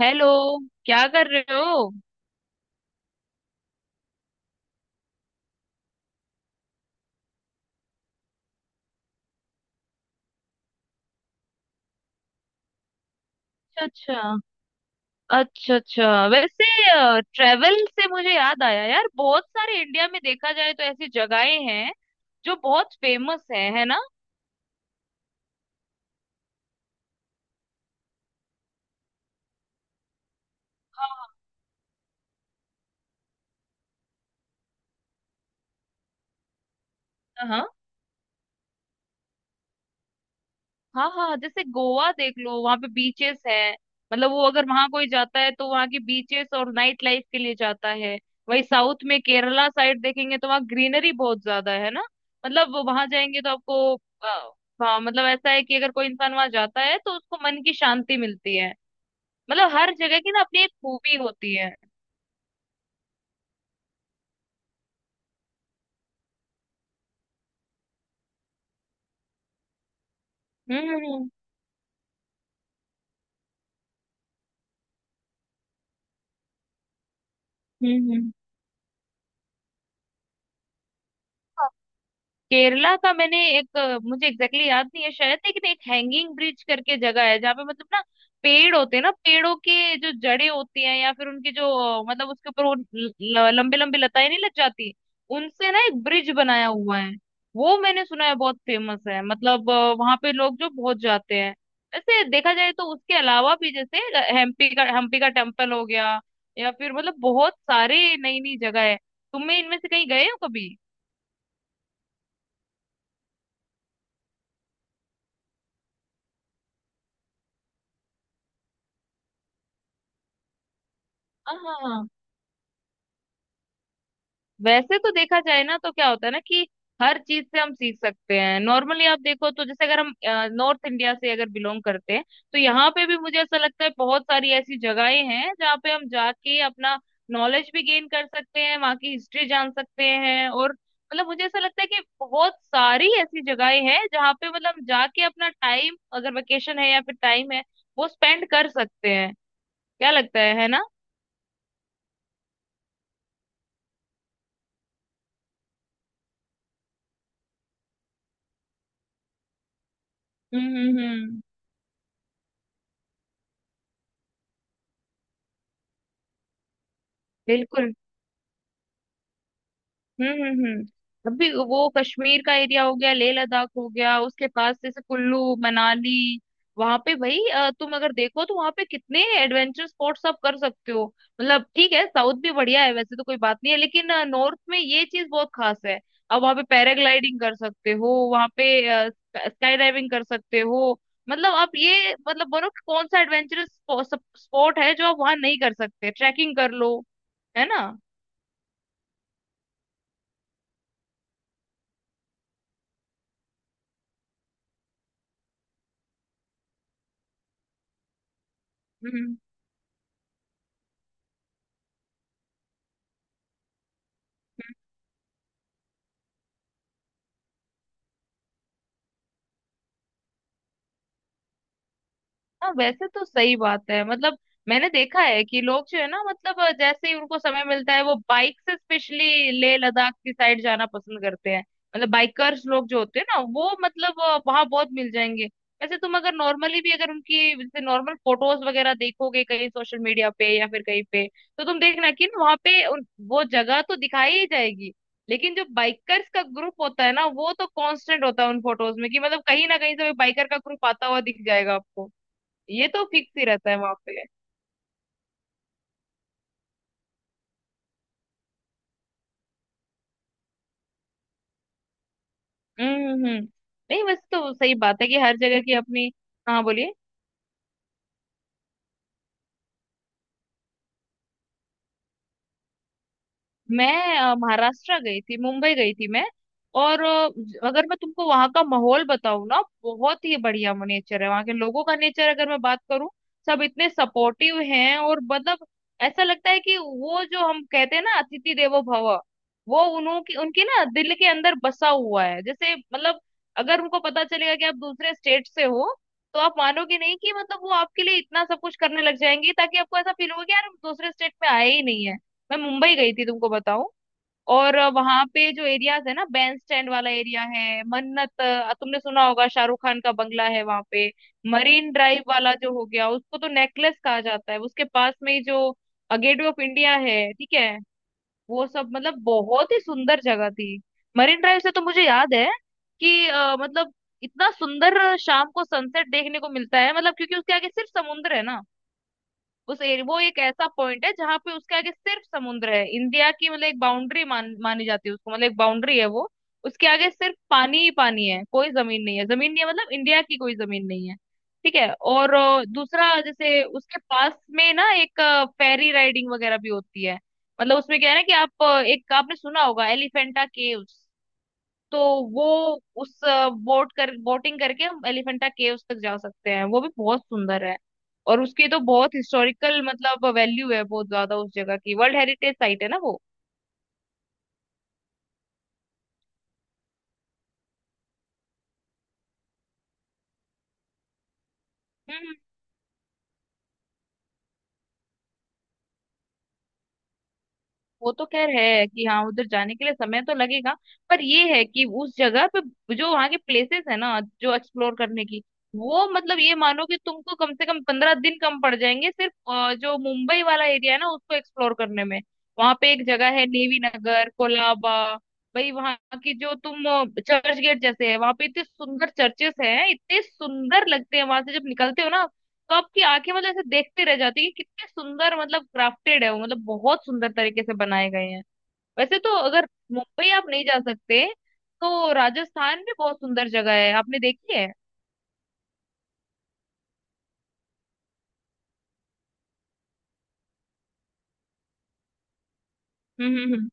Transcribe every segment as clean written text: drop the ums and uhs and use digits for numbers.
Hello. क्या कर रहे हो? अच्छा। अच्छा अच्छा। वैसे ट्रेवल से मुझे याद आया यार, बहुत सारे इंडिया में देखा जाए तो ऐसी जगहें हैं जो बहुत फेमस है ना। हाँ हाँ हाँ। हाँ हाँ, जैसे गोवा देख लो, वहां पे बीचेस हैं। मतलब वो अगर वहां कोई जाता है तो वहां की बीचेस और नाइट लाइफ के लिए जाता है। वही साउथ में केरला साइड देखेंगे तो वहाँ ग्रीनरी बहुत ज्यादा है ना। मतलब वहां जाएंगे तो आपको अ, हाँ मतलब ऐसा है कि अगर कोई इंसान वहां जाता है तो उसको मन की शांति मिलती है। मतलब हर जगह की ना अपनी एक खूबी होती है। हम्म हम्म हम्म हम्म। केरला का मैंने एक मुझे एग्जैक्टली exactly याद नहीं है शायद, लेकिन एक हैंगिंग ब्रिज करके जगह है जहाँ पे मतलब ना, पेड़ होते हैं ना, पेड़ों के जो जड़ें होती हैं या फिर उनके जो मतलब उसके ऊपर वो लंबे लंबे लताएं नहीं लग जाती, उनसे ना एक ब्रिज बनाया हुआ है। वो मैंने सुना है बहुत फेमस है, मतलब वहां पे लोग जो बहुत जाते हैं। वैसे देखा जाए तो उसके अलावा भी जैसे हम्पी का टेम्पल हो गया, या फिर मतलब बहुत सारे नई नई जगह है। तुम्हें इनमें से कहीं गए हो कभी? हाँ। वैसे तो देखा जाए ना तो क्या होता है ना कि हर चीज से हम सीख सकते हैं। नॉर्मली आप देखो तो जैसे अगर हम नॉर्थ इंडिया से अगर बिलोंग करते हैं, तो यहाँ पे भी मुझे ऐसा लगता है बहुत सारी ऐसी जगहें हैं जहाँ पे हम जाके अपना नॉलेज भी गेन कर सकते हैं, वहाँ की हिस्ट्री जान सकते हैं। और मतलब मुझे ऐसा लगता है कि बहुत सारी ऐसी जगहें हैं जहाँ पे मतलब हम जाके अपना टाइम, अगर वेकेशन है या फिर टाइम है, वो स्पेंड कर सकते हैं। क्या लगता है ना। हम्म हम्म हम्म। बिल्कुल। हम्म हम्म हम्म। अभी वो कश्मीर का एरिया हो गया, लेह लद्दाख हो गया, उसके पास जैसे कुल्लू मनाली, वहां पे भाई तुम अगर देखो तो वहां पे कितने एडवेंचर स्पॉट्स आप कर सकते हो। मतलब ठीक है, साउथ भी बढ़िया है, वैसे तो कोई बात नहीं है, लेकिन नॉर्थ में ये चीज बहुत खास है। अब वहां पे पैराग्लाइडिंग कर सकते हो, वहां पे स्काई डाइविंग कर सकते हो। मतलब आप ये मतलब बोलो कि कौन सा एडवेंचरस स्पॉट है जो आप वहां नहीं कर सकते। ट्रैकिंग कर लो, है ना। हम्म। हाँ वैसे तो सही बात है। मतलब मैंने देखा है कि लोग जो है ना, मतलब जैसे ही उनको समय मिलता है, वो बाइक से स्पेशली लेह लद्दाख की साइड जाना पसंद करते हैं। मतलब बाइकर्स लोग जो होते हैं ना वो मतलब वहां बहुत मिल जाएंगे। वैसे तुम अगर नॉर्मली भी अगर उनकी जैसे नॉर्मल फोटोज वगैरह देखोगे कहीं सोशल मीडिया पे या फिर कहीं पे, तो तुम देखना कि ना वहाँ पे वो जगह तो दिखाई ही जाएगी, लेकिन जो बाइकर्स का ग्रुप होता है ना वो तो कांस्टेंट होता है उन फोटोज में, कि मतलब कहीं ना कहीं से बाइकर का ग्रुप आता हुआ दिख जाएगा आपको। ये तो फिक्स ही रहता है वहां पे। हम्म। नहीं वैसे तो सही बात है कि हर जगह की अपनी। हाँ बोलिए। मैं महाराष्ट्र गई थी, मुंबई गई थी मैं। और अगर मैं तुमको वहां का माहौल बताऊं ना, बहुत ही बढ़िया नेचर है वहां के लोगों का। नेचर अगर मैं बात करूं, सब इतने सपोर्टिव हैं और मतलब ऐसा लगता है कि वो जो हम कहते हैं ना, अतिथि देवो भव, वो उन्हों की उनकी ना दिल के अंदर बसा हुआ है। जैसे मतलब अगर उनको पता चलेगा कि आप दूसरे स्टेट से हो, तो आप मानोगे नहीं कि मतलब वो आपके लिए इतना सब कुछ करने लग जाएंगे ताकि आपको ऐसा फील होगा कि यार हम दूसरे स्टेट में आए ही नहीं है। मैं मुंबई गई थी तुमको बताऊं। और वहां पे जो एरियाज है ना, बैंड स्टैंड वाला एरिया है, मन्नत तुमने सुना होगा शाहरुख खान का बंगला है वहां पे। मरीन ड्राइव वाला जो हो गया उसको तो नेकलेस कहा जाता है, उसके पास में ही जो गेटवे ऑफ इंडिया है, ठीक है। वो सब मतलब बहुत ही सुंदर जगह थी। मरीन ड्राइव से तो मुझे याद है कि मतलब इतना सुंदर शाम को सनसेट देखने को मिलता है, मतलब क्योंकि उसके आगे सिर्फ समुद्र है ना। उस एरिया, वो एक ऐसा पॉइंट है जहां पे उसके आगे सिर्फ समुद्र है, इंडिया की मतलब एक बाउंड्री मानी जाती है उसको, मतलब एक बाउंड्री है वो। उसके आगे सिर्फ पानी ही पानी है, कोई जमीन नहीं है, जमीन नहीं है, मतलब इंडिया की कोई जमीन नहीं है। ठीक है। और दूसरा जैसे उसके पास में ना एक फेरी राइडिंग वगैरह भी होती है। मतलब उसमें क्या है ना कि आप एक आपने सुना होगा एलिफेंटा केव्स, तो वो उस बोटिंग करके हम एलिफेंटा केव्स तक जा सकते हैं, वो भी बहुत सुंदर है। और उसकी तो बहुत हिस्टोरिकल मतलब वैल्यू है बहुत ज्यादा उस जगह की, वर्ल्ड हेरिटेज साइट है ना वो। वो तो खैर है कि हाँ उधर जाने के लिए समय तो लगेगा। पर ये है कि उस जगह पे जो वहाँ के प्लेसेस है ना जो एक्सप्लोर करने की, वो मतलब ये मानो कि तुमको कम से कम 15 दिन कम पड़ जाएंगे सिर्फ जो मुंबई वाला एरिया है ना उसको एक्सप्लोर करने में। वहाँ पे एक जगह है नेवी नगर कोलाबा, भाई वहाँ की जो तुम चर्च गेट जैसे है वहाँ पे, इतने सुंदर चर्चेस हैं, इतने सुंदर लगते हैं वहां से जब निकलते हो ना, तो आपकी आंखें मतलब ऐसे देखते रह जाती है कि कितने सुंदर मतलब क्राफ्टेड है वो, मतलब बहुत सुंदर तरीके से बनाए गए हैं। वैसे तो अगर मुंबई आप नहीं जा सकते तो राजस्थान भी बहुत सुंदर जगह है, आपने देखी है? हम्म हम्म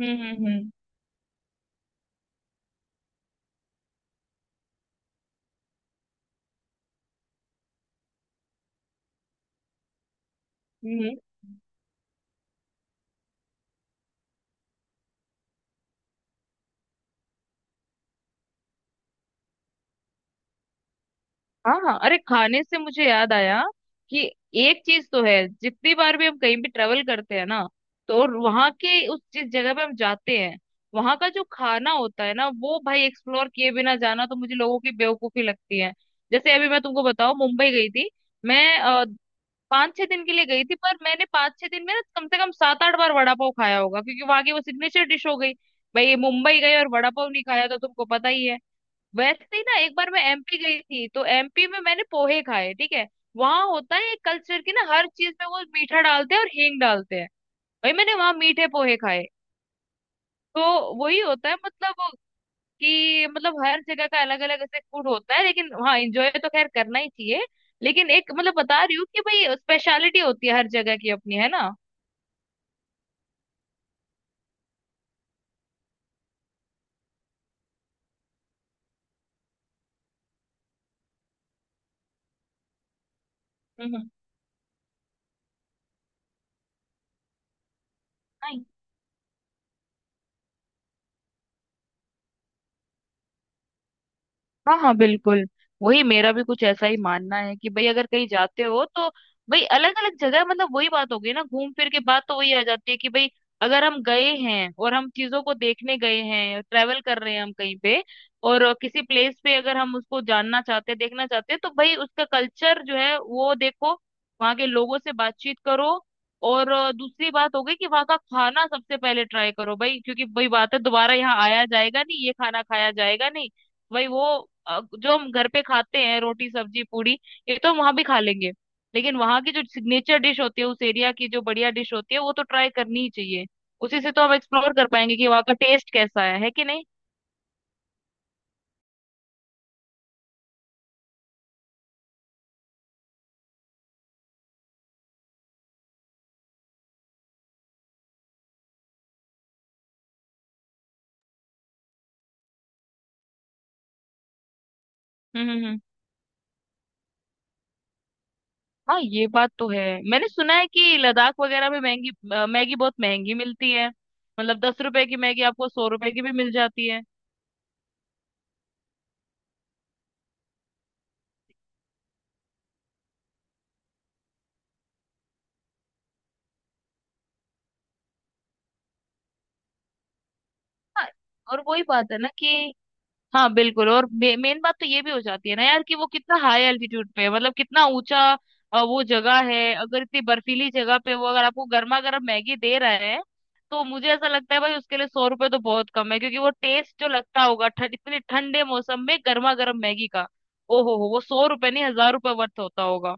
हम्म हम्म हम्म हम्म, हम्म, हाँ अरे खाने से मुझे याद आया कि एक चीज तो है। जितनी बार भी हम कहीं भी ट्रेवल करते हैं ना, तो और वहां के उस जिस जगह पे हम जाते हैं, वहां का जो खाना होता है ना वो भाई एक्सप्लोर किए बिना जाना तो मुझे लोगों की बेवकूफी लगती है। जैसे अभी मैं तुमको बताऊं, मुंबई गई थी मैं, 5-6 दिन के लिए गई थी, पर मैंने 5-6 दिन में ना कम से कम 7-8 बार वड़ा पाव खाया होगा, क्योंकि वहां की वो सिग्नेचर डिश हो गई। भाई मुंबई गए और वड़ा पाव नहीं खाया तो तुमको पता ही है। वैसे ही ना एक बार मैं एमपी गई थी, तो एमपी में मैंने पोहे खाए, ठीक है। वहां होता है एक कल्चर की ना हर चीज में वो मीठा डालते हैं और हींग डालते हैं। भाई मैंने वहां मीठे पोहे खाए। तो वही होता है मतलब कि मतलब हर जगह का अलग अलग ऐसे फूड होता है, लेकिन हाँ एंजॉय तो खैर करना ही चाहिए। लेकिन एक मतलब बता रही हूँ कि भाई स्पेशलिटी होती है हर जगह की अपनी, है ना। हम्म हम्म। हाँ हाँ बिल्कुल। वही मेरा भी कुछ ऐसा ही मानना है कि भाई अगर कहीं जाते हो तो भाई अलग अलग जगह, मतलब वही बात हो गई ना घूम फिर के बात तो वही आ जाती है कि भाई अगर हम गए हैं और हम चीजों को देखने गए हैं, ट्रेवल कर रहे हैं हम कहीं पे, और किसी प्लेस पे अगर हम उसको जानना चाहते हैं देखना चाहते हैं, तो भाई उसका कल्चर जो है वो देखो, वहाँ के लोगों से बातचीत करो। और दूसरी बात हो गई कि वहाँ का खाना सबसे पहले ट्राई करो भाई, क्योंकि वही बात है, दोबारा यहाँ आया जाएगा नहीं, ये खाना खाया जाएगा नहीं। वही वो जो हम घर पे खाते हैं रोटी सब्जी पूड़ी, ये तो हम वहां भी खा लेंगे, लेकिन वहां की जो सिग्नेचर डिश होती है, उस एरिया की जो बढ़िया डिश होती है, वो तो ट्राई करनी ही चाहिए। उसी से तो हम एक्सप्लोर कर पाएंगे कि वहाँ का टेस्ट कैसा है कि नहीं। हम्म हम्म हम्म। हाँ ये बात तो है। मैंने सुना है कि लद्दाख वगैरह में महंगी मैगी बहुत महंगी मिलती है, मतलब 10 रुपए की मैगी आपको 100 रुपए की भी मिल जाती है। हाँ, और वही बात है ना कि हाँ बिल्कुल, और मेन बात तो ये भी हो जाती है ना यार कि वो कितना हाई एल्टीट्यूड पे है, मतलब कितना ऊंचा वो जगह है। अगर इतनी बर्फीली जगह पे वो अगर आपको गर्मा गर्म मैगी दे रहा है, तो मुझे ऐसा लगता है भाई उसके लिए 100 रुपए तो बहुत कम है, क्योंकि वो टेस्ट जो लगता होगा ठंड इतने ठंडे मौसम में गर्मा गर्म मैगी का, ओ हो, वो 100 रुपए नहीं 1000 रुपए वर्थ होता होगा।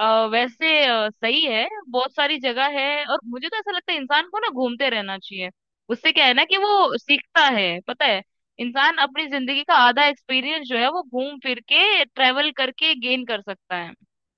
अ, वैसे सही है, बहुत सारी जगह है, और मुझे तो ऐसा लगता है इंसान को ना घूमते रहना चाहिए। उससे क्या है ना कि वो सीखता है पता है। इंसान अपनी जिंदगी का आधा एक्सपीरियंस जो है वो घूम फिर के ट्रेवल करके गेन कर सकता है।